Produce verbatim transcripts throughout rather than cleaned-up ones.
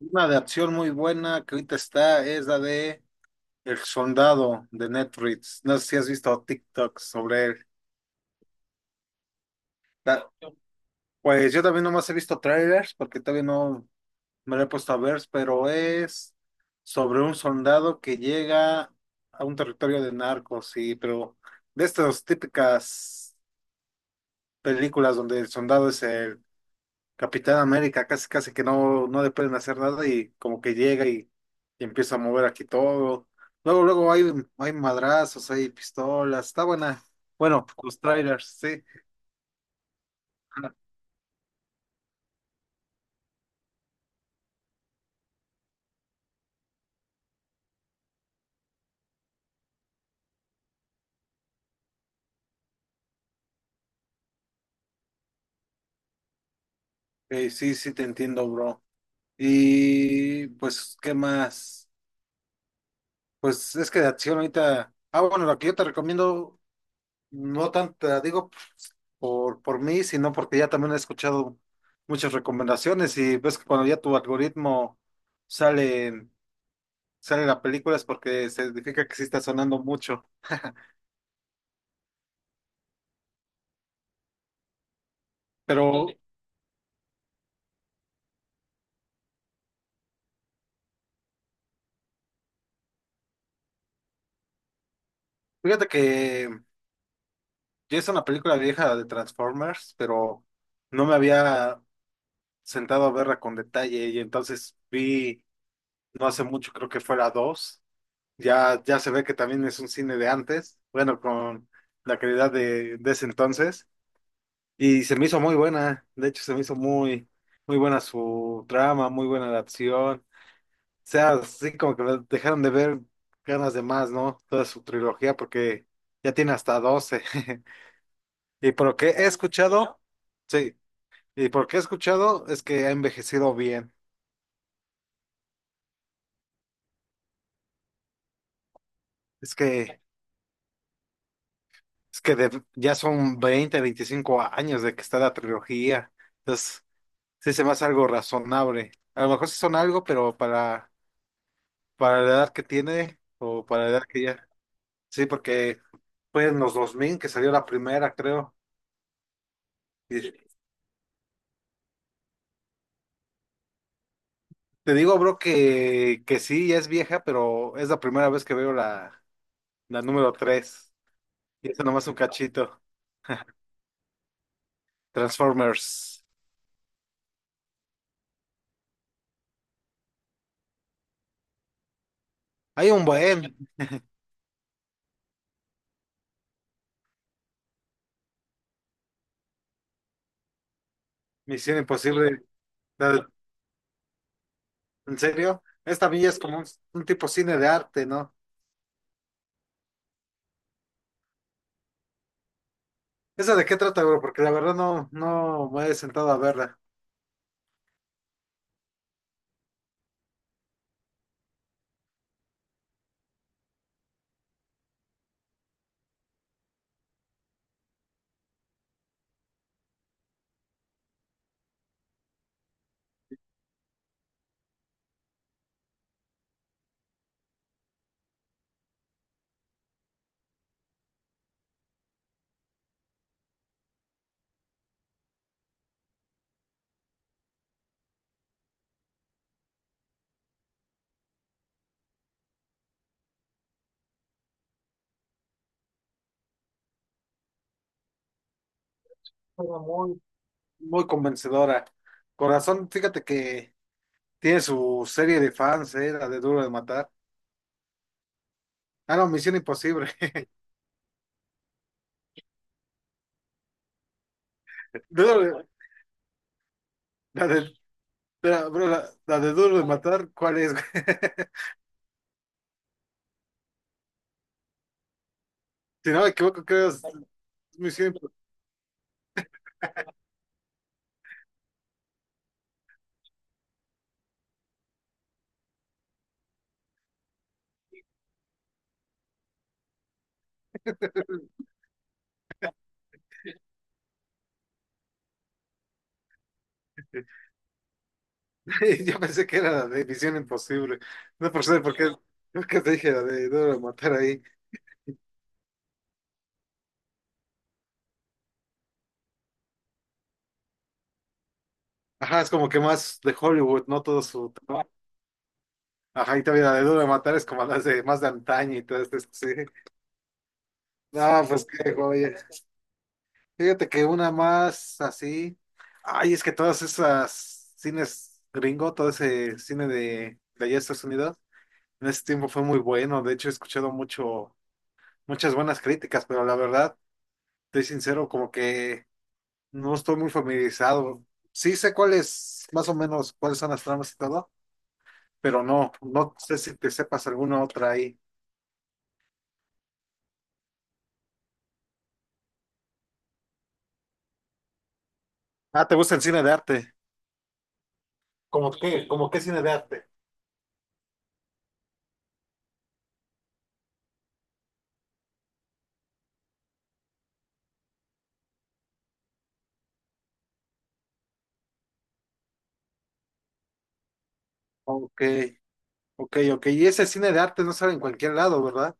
Una de acción muy buena que ahorita está es la de El Soldado de Netflix. No sé si has visto TikTok sobre él. Ta- Pues yo también nomás he visto trailers porque todavía no me lo he puesto a ver, pero es sobre un soldado que llega a un territorio de narcos, sí, pero de estas típicas películas donde el soldado es el Capitán América, casi casi que no, no le pueden hacer nada, y como que llega y, y empieza a mover aquí todo. Luego, luego hay, hay madrazos, hay pistolas, está buena. Bueno, los trailers, sí. Ah, ok, sí, sí te entiendo, bro. Y pues, ¿qué más? Pues es que de acción ahorita. Ah, bueno, lo que yo te recomiendo, no tanto te la digo por, por mí, sino porque ya también he escuchado muchas recomendaciones, y ves que cuando ya tu algoritmo sale. sale la película es porque se significa que sí está sonando mucho. Pero fíjate que ya es una película vieja de Transformers, pero no me había sentado a verla con detalle y entonces vi, no hace mucho, creo que fue la dos. Ya, ya se ve que también es un cine de antes, bueno, con la calidad de, de ese entonces. Y se me hizo muy buena, de hecho se me hizo muy, muy buena su trama, muy buena la acción. Sea, sí, como que me dejaron de ver ganas de más, ¿no? Toda su trilogía porque ya tiene hasta doce. Y por lo que he escuchado, sí, y por lo que he escuchado es que ha envejecido bien. Es que, es que de- ya son veinte veinticinco años de que está la trilogía. Entonces, sí se me hace algo razonable. A lo mejor sí son algo, pero para, para la edad que tiene o para la edad que ya. Sí, porque fue en los dos mil que salió la primera, creo. Te digo, bro, que, que sí, ya es vieja, pero es la primera vez que veo la, la número tres. Y eso nomás un cachito. Transformers. Hay un buen. Misión Imposible. La de- ¿En serio? Esta villa es como un, un tipo cine de arte, ¿no? ¿Esa de qué trata, bro? Porque la verdad no, no me he sentado a verla. Era muy, muy convencedora. Corazón, fíjate que tiene su serie de fans, ¿eh? La de Duro de Matar. Ah, no, Misión Imposible. Duro de- La de Pero, bro, la, la de Duro de Matar, ¿cuál es, güey? Si no me equivoco, creo que es Misión Imposible. Yo pensé que era la de Misión Imposible. No por sé porque qué, creo que te dije la de Duro de Matar ahí. Ajá, es como que más de Hollywood, no todo su trabajo. Ajá, y también la de Duro de Matar es como las de más de antaño y todo esto, sí. No, pues qué joya. Fíjate que una más así. Ay, es que todas esas cines gringo, todo ese cine de, de allá de Estados Unidos. En ese tiempo fue muy bueno, de hecho he escuchado mucho, muchas buenas críticas, pero la verdad, estoy sincero, como que no estoy muy familiarizado. Sí sé cuáles, más o menos, cuáles son las tramas y todo, pero no, no sé si te sepas alguna otra ahí. Ah, ¿te gusta el cine de arte? ¿Cómo qué? ¿Cómo qué cine de arte? Ok, ok, ok. Y ese cine de arte no sale en cualquier lado, ¿verdad?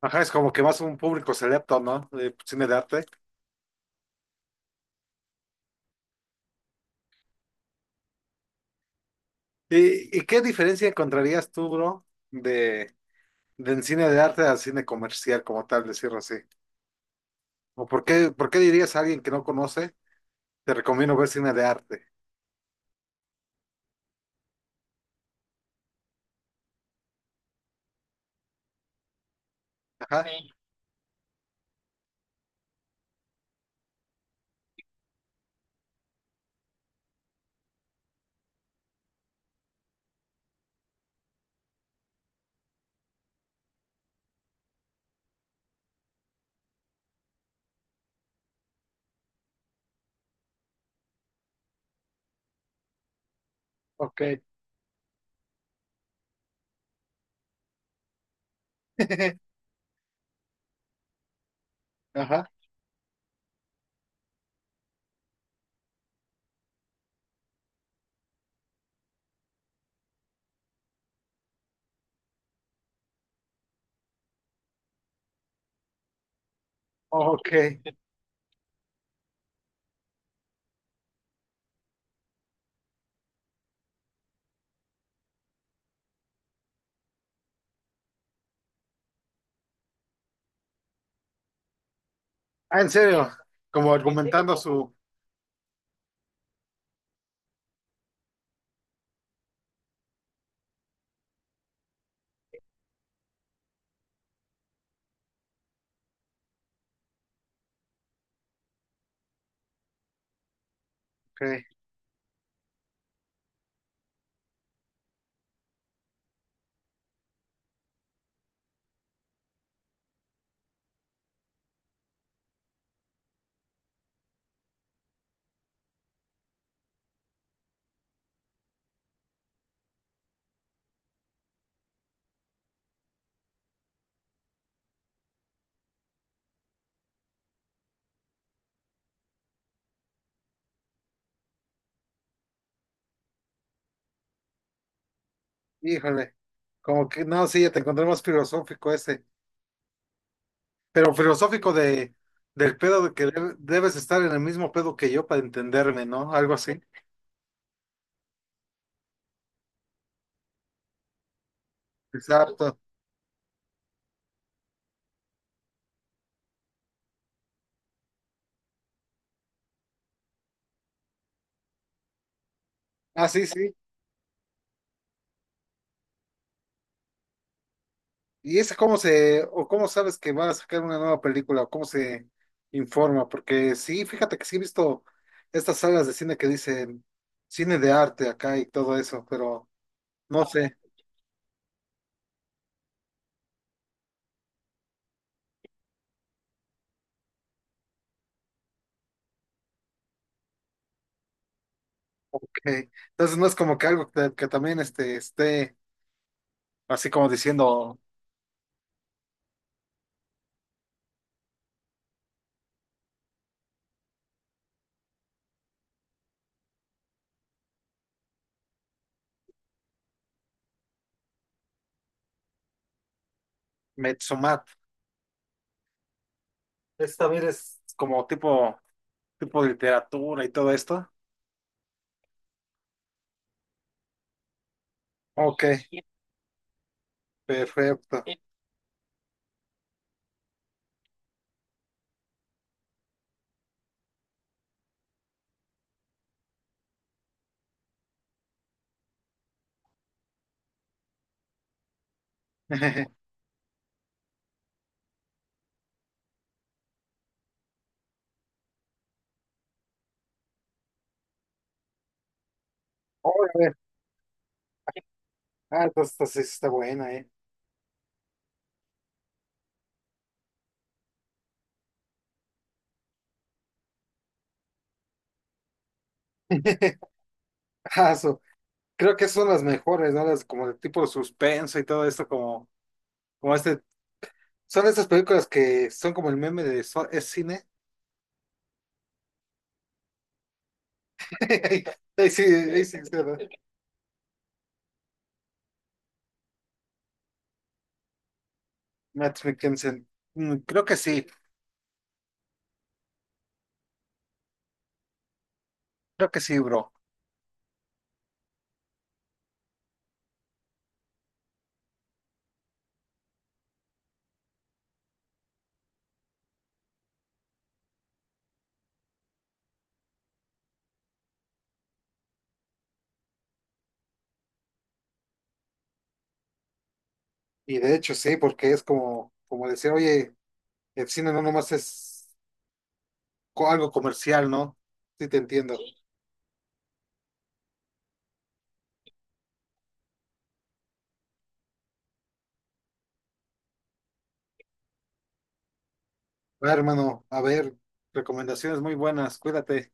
Ajá, es como que más un público selecto, ¿no? De cine de arte. ¿Y, y qué diferencia encontrarías tú, bro? De Del cine de arte al cine comercial, como tal, decirlo así. ¿O por qué, por qué dirías a alguien que no conoce, te recomiendo ver cine de arte? Ajá, sí. Ok. Ajá, ok. Ah, en serio, como argumentando su... Ok, híjole. Como que, no, sí, ya te encontré más filosófico ese. Pero filosófico de, del pedo de que deb- debes estar en el mismo pedo que yo para entenderme, ¿no? Algo así. Exacto. Ah, sí, sí. ¿Y esa cómo se, o cómo sabes que va a sacar una nueva película, o cómo se informa? Porque sí, fíjate que sí he visto estas salas de cine que dicen cine de arte acá y todo eso, pero no sé. Ok. Entonces no es como que algo que, que también este, esté así como diciendo Metsumat. Es también es como tipo, tipo de literatura y todo esto. Ok, perfecto. Órale. Ah, entonces, entonces sí está buena, ¿eh? Ah, su- Creo que son las mejores, ¿no? Las como de tipo suspenso y todo esto, como, como este. Son estas películas que son como el meme de "So- es cine." Ahí sí, ahí sí, sí, ¿verdad? Matt Mikkelsen. Mm, Creo que sí, creo que sí, bro. Y de hecho sí, porque es como, como decir, oye, el cine no nomás es co- algo comercial, ¿no? Sí, te entiendo. Va, hermano, a ver, recomendaciones muy buenas, cuídate.